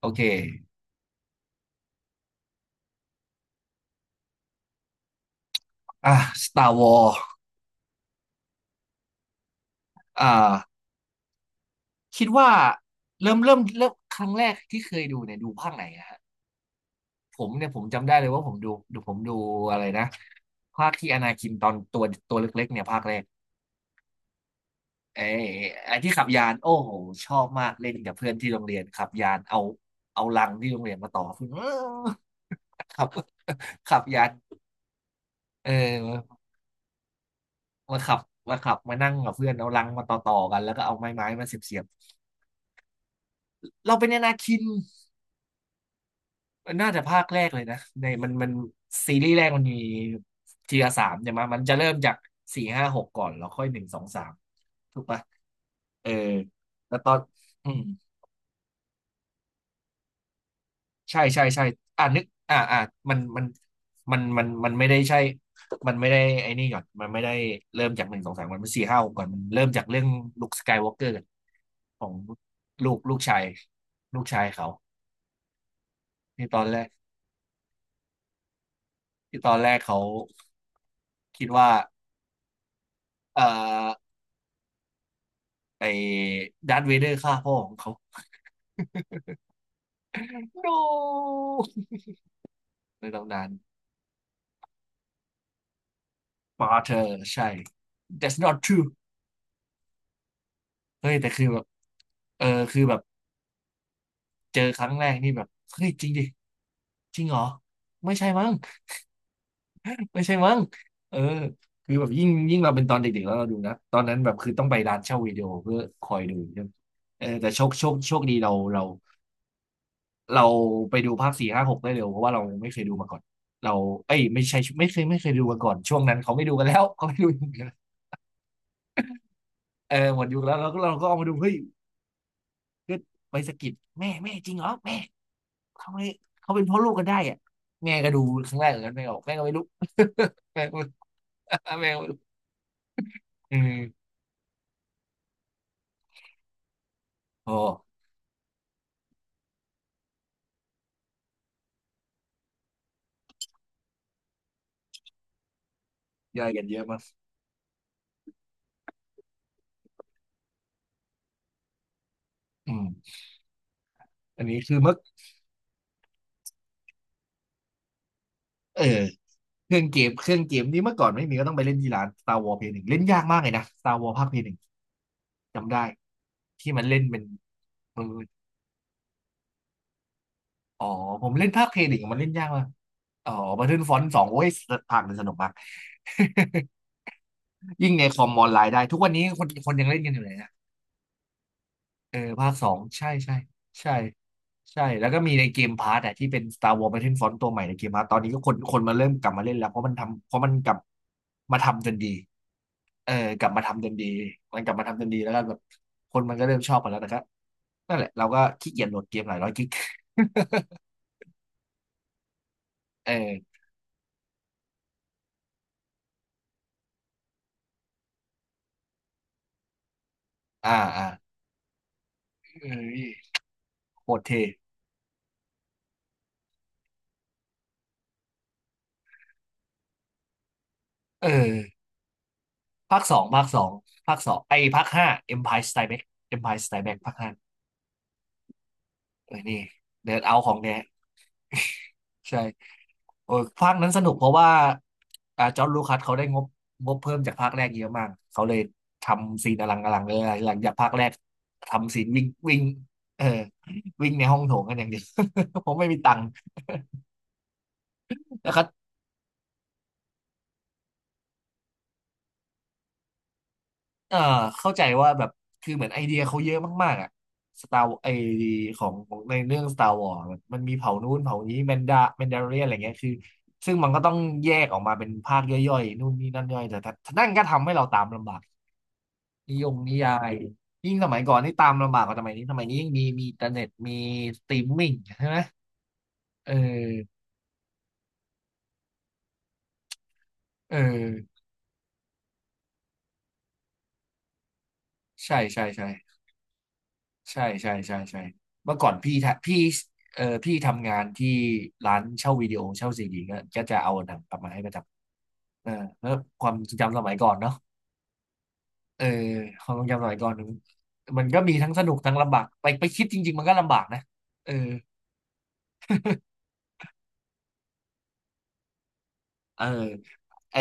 โอเคอ่ะ Star Wars อ่าคิดว่าเริ่มครั้งแรกที่เคยดูเนี่ยดูภาคไหนอะฮะผมเนี่ยผมจำได้เลยว่าผมดูอะไรนะภาคที่อนาคินตอนตัวเล็กๆเนี่ยภาคแรกเอ้ยไอ้ที่ขับยานโอ้โหชอบมากเล่นกับเพื่อนที่โรงเรียนขับยานเอาเอาลังที่โรงเรียนมาต่อ คือขับขับยานเออมาขับมาขับมานั่งกับเพื่อนเอาลังมาต่อต่อกันแล้วก็เอาไม้ไม้มาเสียบเสียบเราเป็นอนาคิน น่าจะภาคแรกเลยนะในมันซีรีส์แรกมันมี GR สามเนี่ยมามันจะเริ่มจากสี่ห้าหกก่อนแล้วค่อยหนึ่งสองสามถูกปะเออแล้วตอนอืมใช่ใช่ใช่นึกมันมันมันไม่ได้ใช่มันไม่ได้ไอ้นี่ก่อนมันไม่ได้เริ่มจากหนึ่งสองสามมันเป็นสี่ห้าหกก่อนมันเริ่มจากเรื่องลุคสกายวอล์กเกอร์ของลูกลูกชายลูกชายเขาที่ตอนแรกที่ตอนแรกเขาคิดว่าเอ่อ ไอ้ดาร์ธเวเดอร์ฆ่าพ่อของเขา no ในตำนานมาเธอใช่ that's not true เฮ้ยแต่คือแบบเออคือแบบเจอครั้งแรกนี่แบบเฮ้ยจริงดิจริงเหรอไม่ใช่มั้งไม่ใช่มั้งเออคือแบบยิ่งเราเป็นตอนเด็กๆแล้วเราดูนะตอนนั้นแบบคือต้องไปร้านเช่าวิดีโอเพื่อคอยดูใช่ไหมเออแต่โชคดีเราไปดูภาคสี่ห้าหกได้เร็วเพราะว่าเราไม่เคยดูมาก่อนเราเอ้ยไม่ใช่ไม่เคยดูมาก่อนช่วงนั้นเขาไม่ดูกันแล้ว เขาไม่ดูกันแล้วเออหมดยุคแล้วเราก็เอามาดูเฮ้ยก็ไปสะกิดแม่จริงเหรอแม่เขาไม่เขาเป็นพ่อลูกกันได้อ่ะแม่ก็ดูครั้งแรกเหมือนกันแม่ก็บอกแม่ก็ไม่รู้ แม่ก็ไม่รู้ แม่ก็ไม่รู้อืมโอ้ย่อยกันเยอะมากอืมอันนี้คือเมื่อเออเครื่องเกมเครื่องเกมนี่เมื่อก่อนไม่มีก็ต้องไปเล่นที่ร้าน Star Wars Play หนึ่งเล่นยากมากเลยนะ Star Wars ภาคเพย์หนึ่ง จำได้ที่มันเล่นเป็นปืนอ๋อผมเล่นภาคเครดิตมันเล่นยากมากอ๋อ Battlefront สองโอ้ยภาคมันสนุกมากยิ่งในคอมออนไลน์ได้ทุกวันนี้คนยังเล่นกันอยู่เลยนะเออภาคสองใช่ใช่ใช่ใช่แล้วก็มีในเกมพาร์ตอะที่เป็น Star Wars Battlefront ตัวใหม่ในเกมพาร์ตตอนนี้ก็คนมาเริ่มกลับมาเล่นแล้วเพราะมันกลับมาทำจนดีเออกลับมาทำจนดีมันกลับมาทำจนดีแล้วก็แบบคนมันก็เริ่มชอบกันแล้วนะครับนั่นแหละเราก็ขี้เกียจโหลดเกมหลายร้อยกิก เออ อ่าอ่าเอ้ยโคตรเท่เออภาคสองภาคสองภาคสองไอ้ภาคห้า Empire Strikes Back Empire Strikes Back ภาคห้าเออนี่เดินเอาของแน่ใช่โอ้ยภาคนั้นสนุกเพราะว่าอ่าจอร์จลูคัสเขาได้งบเพิ่มจากภาคแรกเยอะมากเขาเลยทำซีนอลังอลังเลยหลังจากภาคแรกทำซีนวิ่งวิ่งเออวิ่งในห้องโถงกันอย่างเดียว ผมไม่มีตังค์ แล้วก็ เอ่อเข้าใจว่าแบบคือเหมือนไอเดียเขาเยอะมากๆอ่ะสตาร์ไอของในเรื่อง Star Wars มันมีเผ่านู้นเผ่านี้แมนดาเรียนอะไรเงี้ยคือซึ่งมันก็ต้องแยกออกมาเป็นภาคย่อยๆนู่นนี่นั่นย่อยแต่ถ้านั่นก็ทำให้เราตามลำบากนิยมนิยายยิ่งสมัยก่อนนี่ตามลำบากกว่าสมัยนี้สมัยนี้ยิ่งมีอินเทอร์เน็ตมีสตรีมมิ่งใช่ไหมเออเออใช่ใช่ใช่ ใช่ใช่ใช่ใช่เมื่อก่อนพี่ทะพี่เออพี่ทำงานที่ร้านเช่าวิดีโอเช่าซีดีก็จะเอาหนังกลับมาให้ประจำเออแล้วความทรงจำสมัยก่อนเนาะเออความทรงจำสมัยก่อนมันมันก็มีทั้งสนุกทั้งลำบากไปไปคิดจริงๆมันก็ลำบากนะเออเออไอ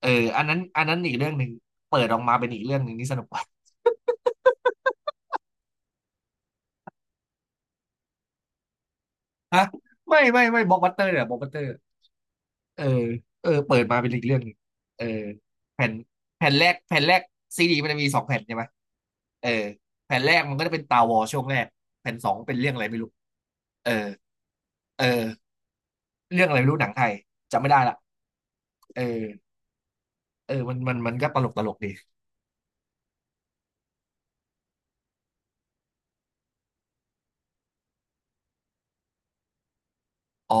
เอออันนั้นอีกเรื่องหนึ่งเปิดออกมาเป็นอีกเรื่องหนึ่งนี่สนุกกว่า ฮะไม่ไม่ไม่บล็อกบัสเตอร์เนี่ยบล็อกบัสเตอร์ เออเออเปิดมาเป็นอีกเรื่องหนึ่งเออแผ่นแผ่นแรกซีดีมันจะมีสองแผ่นใช่ไหมเออแผ่นแรกมันก็จะเป็นตาวอช่วงแรกแผ่นสองเป็นเรื่องอะไรไม่รู้เออเออเรื่องอะไรไม่รู้หนังไทยจำไม่ได้ละเออเออมันก็ตลกตลกดีอ๋อ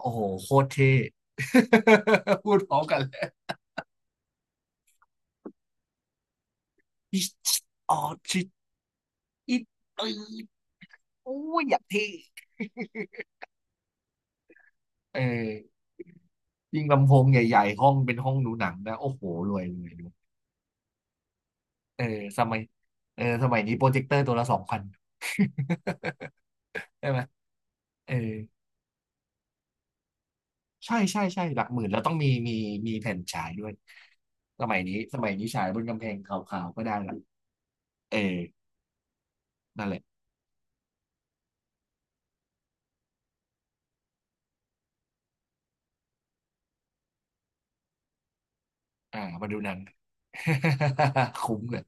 โอ้โหโคตรเท่ พูดพร้อมกันเลยอิชอ๋อชิอิตเออโอ้ยอยากเท่ เออ ยิ่งลำโพงใหญ่ๆห้องเป็นห้องดูหนังนะโอ้โหรวยเลยดูเออสมัยเออสมัยนี้โปรเจคเตอร์ตัวละ2,000 ใช่ไหมเออใช่ใช่ใช่หลัก 10,000แล้วต้องมีแผ่นฉายด้วยสมัยนี้สมัยนี้ฉายบนกำแพงขาวๆก็ได้ละเออนั่นแหละอ่ามาดูหนัง คุ้มเลย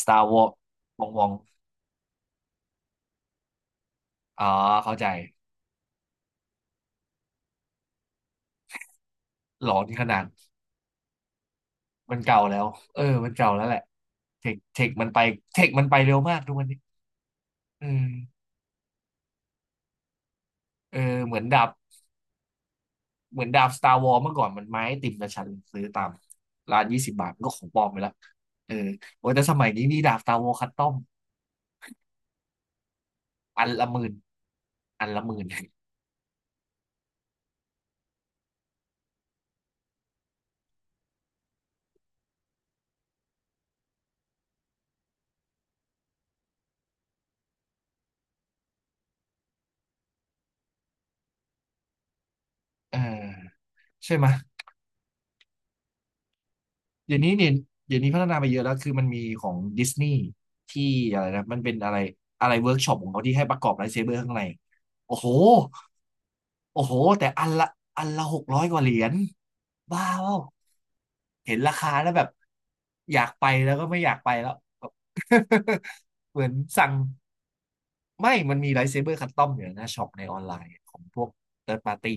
Star Wars วองมองอ๋อเข้าใจหลอนขนาดมันเก่าแล้วเออมันเก่าแล้วแหละเทคเทคมันไปเทคมันไปเร็วมากทุกวันนี้ เออเออเหมือนดาบเหมือนดาบสตาร์วอ s เมื่อก่อนมันไม้ติ่มนะฉันซื้อตามร้าน20 บาทมันก็ของปลอมไปแล้วเออโอ้ยแต่สมัยนี้นี่ดาบสตาร์วอ s คัสตอมอันละ 10,000อันละหมื่นเออใช่ไหมยเดี๋ยวนี้เนี่ยเดี๋ยวนี้พัฒนาไปเยอะแล้วคือมันมีของดิสนีย์ที่อะไรนะมันเป็นอะไรอะไรเวิร์กช็อปของเขาที่ให้ประกอบไลท์เซเบอร์ข้างในโอ้โหโอ้โหแต่อันละอันละ600 กว่าเหรียญบ้าเปล่า เห็นราคาแล้วแบบอยากไปแล้วก็ไม่อยากไปแล้ว แบบ เหมือนสั่งไม่มันมีไลท์เซเบอร์คัสตอมอยู่นะช็อปในออนไลน์ของพวกเติร์ดปาร์ตี้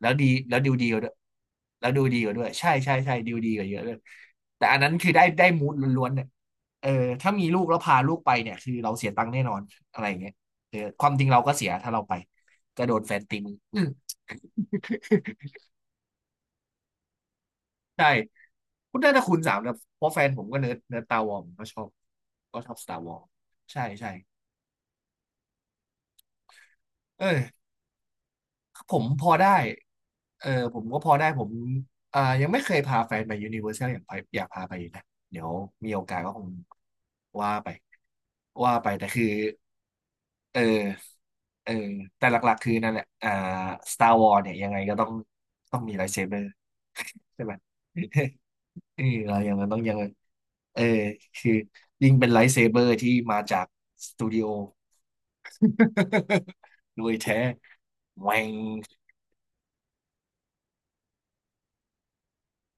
แล้วดีแล้วดูดีกว่าด้วยแล้วดูดีกว่าด้วย ใช่ใช่ใช่ดูดีกว่าเยอะเลยแต่อันนั้นคือได้มูดล้วนๆเนี่ยเออถ้ามีลูกแล้วพาลูกไปเนี่ยคือเราเสียตังค์แน่นอนอะไรอย่างเงี้ยเออความจริงเราก็เสียถ้าเราไปกระโดดแฟนตีมือ ใช่คุณน่าจะคุณสามนะเพราะแฟนผมก็เนิร์ดเนิร์ดตาวอมก็ชอบก็ชอบสตาร์วอ s ใช่ใช่เออผมพอได้เออผมก็พอได้ผมอ่ายังไม่เคยพาแฟนไปยูนิเวอร์แซลอย่างไปอยากพาไปนะเดี๋ยวมีโอกาสก็คงว่าไปว่าไปแต่คือเออเออแต่หลักๆคือนั่นแหละอ่าสตาร์วอ s เนี่ยยังไงก็ต้องต้องมีไลท์เซเบอร์ใช่ไหม เออเรายังต้องยัง เออคือยิ่งเป็นไลท์เซเบอร์ที่มาจากสตูดิโอ รวยแท้แหวง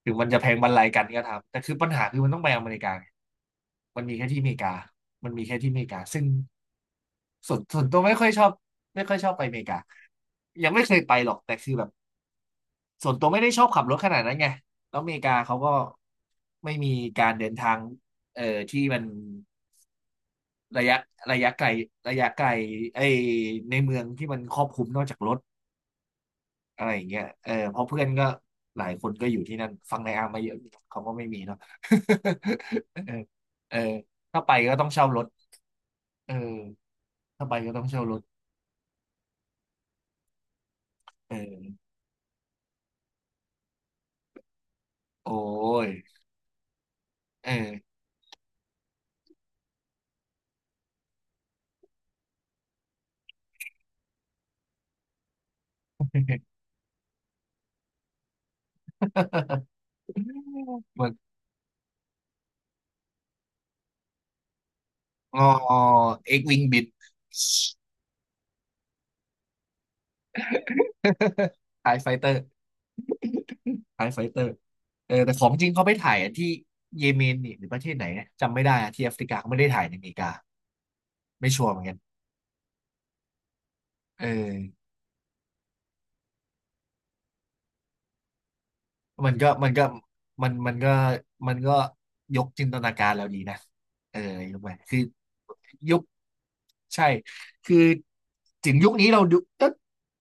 ถึงมันจะแพงบรรลัยกันก็ทำแต่คือปัญหาคือมันต้องไปอเมริกาไงมันมีแค่ที่อเมริกามันมีแค่ที่อเมริกาซึ่งส่วนส่วนตัวไม่ค่อยชอบไม่ค่อยชอบไปอเมริกายังไม่เคยไปหรอกแต่คือแบบส่วนตัวไม่ได้ชอบขับรถขนาดนั้นไงแล้วอเมริกาเขาก็ไม่มีการเดินทางเอ่อที่มัน ระยะระยะไกลระยะไกลไอในเมืองที่มันครอบคลุมนอกจากรถอะไรอย่างเงี้ยเออเพราะเพื่อนก็หลายคนก็อยู่ที่นั่นฟังในอาร์มมาเยอะเขาก็ไม่มีเนาะ เออเออถ้าไปก็ต้องเช่ารถเออถ้าไปก็ต้องเช่ารถเออโอ้ยเออ เหมือนอ๋อเอ็กวิงบิด ไทยไฟเตอร์ ไทยไฟเตอร์เออแต่ของจริงเขาไปถ่ายที่เยเมนนี่หรือประเทศไหนเนี่ยจำไม่ได้อะที่แอฟริกาเขาไม่ได้ถ่ายในอเมริกาไม่ชัวร์เหมือนกันเออมันก็มันก็มันมันก็มันก็ยกจินตนาการเราดีนะเออยกไปคือยุคใช่คือถึงยุคนี้เราดูก็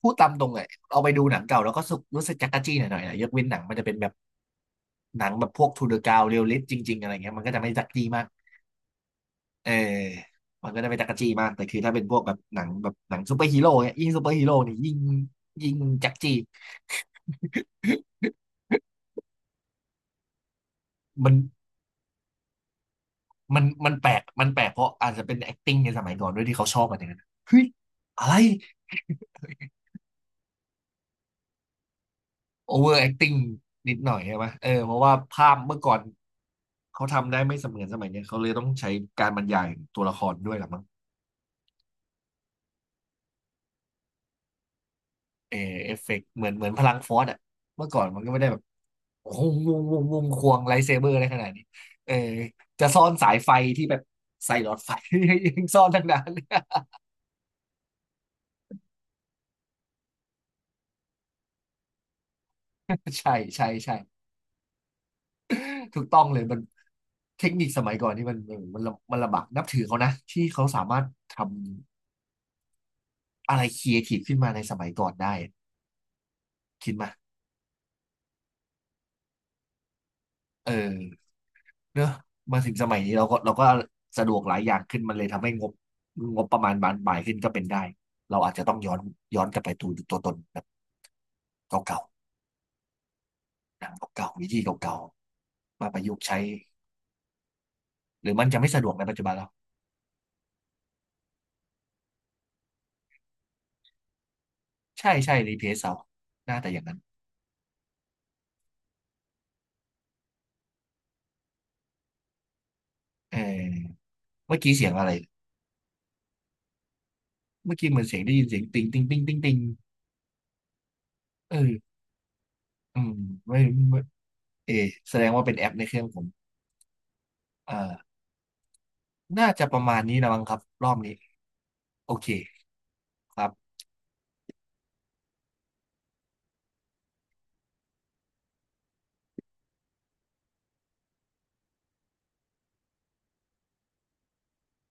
พูดตามตรงเลยเอาไปดูหนังเก่าแล้วก็รู้สึกจั๊กกะจี้หน่อยๆนะยกเว้นหนังมันจะเป็นแบบหนังแบบพวกทูเดอะกาวเรียลลิสต์จริงๆอะไรเงี้ยมันก็จะไม่จั๊กจี้มาก เออมันก็จะเป็นจักรจี้มากแต่คือถ้าเป็นพวกแบบหนังแบบหนังซูเปอร์ฮีโร่เนี่ยยิ่งซูเปอร์ฮีโร่เนี่ยยิ่งยิ่งจักรจี้มันมันแปลกมันแปลกเพราะอาจจะเป็น acting ในสมัยก่อนด้วยที่เขาชอบกันอย่างนั้นเฮ้ยอะไร over acting นิดหน่อยใช่ไหมเออเพราะว่าภาพเมื่อก่อนเขาทำได้ไม่เสมือนสมัยเนี้ยเขาเลยต้องใช้การบรรยายตัวละครด้วยหรอมั้ง เออเอฟเฟกต์เหมือนพลังฟอสอ่ะเมื่อก่อนมันก็ไม่ได้แบบโอ้โหวงวงวงควงไลท์เซเบอร์อะไรขนาดนี้เออจะซ่อนสายไฟที่แบบใส่หลอดไฟ ยังซ่อนทั้งนั้นใช่ใช่ใช่ถูกต้องเลยมันเทคนิคสมัยก่อนนี่มันมันลำบากนับถือเขานะที่เขาสามารถทำอะไรครีเอทีฟขึ้นมาในสมัยก่อนได้คิดมาเออ เนอะมาถึงสมัยนี้เราก็สะดวกหลายอย่างขึ้นมันเลยทำให้งบงบประมาณบานปลายขึ้นก็เป็นได้เราอาจจะต้องย้อนย้อนกลับไปดูตัวตนแบบเก่าๆหนังเก่าๆวิธีเก่าๆมาประยุกต์ใช้หรือมันจะไม่สะดวกในปัจจุบันแล้วใช่ใช่รีเพซเอาน่าแต่อย่างนั้นเออเมื่อกี้เสียงอะไรเมื่อกี้เหมือนเสียงได้ยินเสียงติงติงติงติงติงเอออืมไม่ไม่เออแสดงว่าเป็นแอปในเครื่องผมเอ่อน่าจะประมาณนี้นะมั้งครับรอบนี้โอเคครับ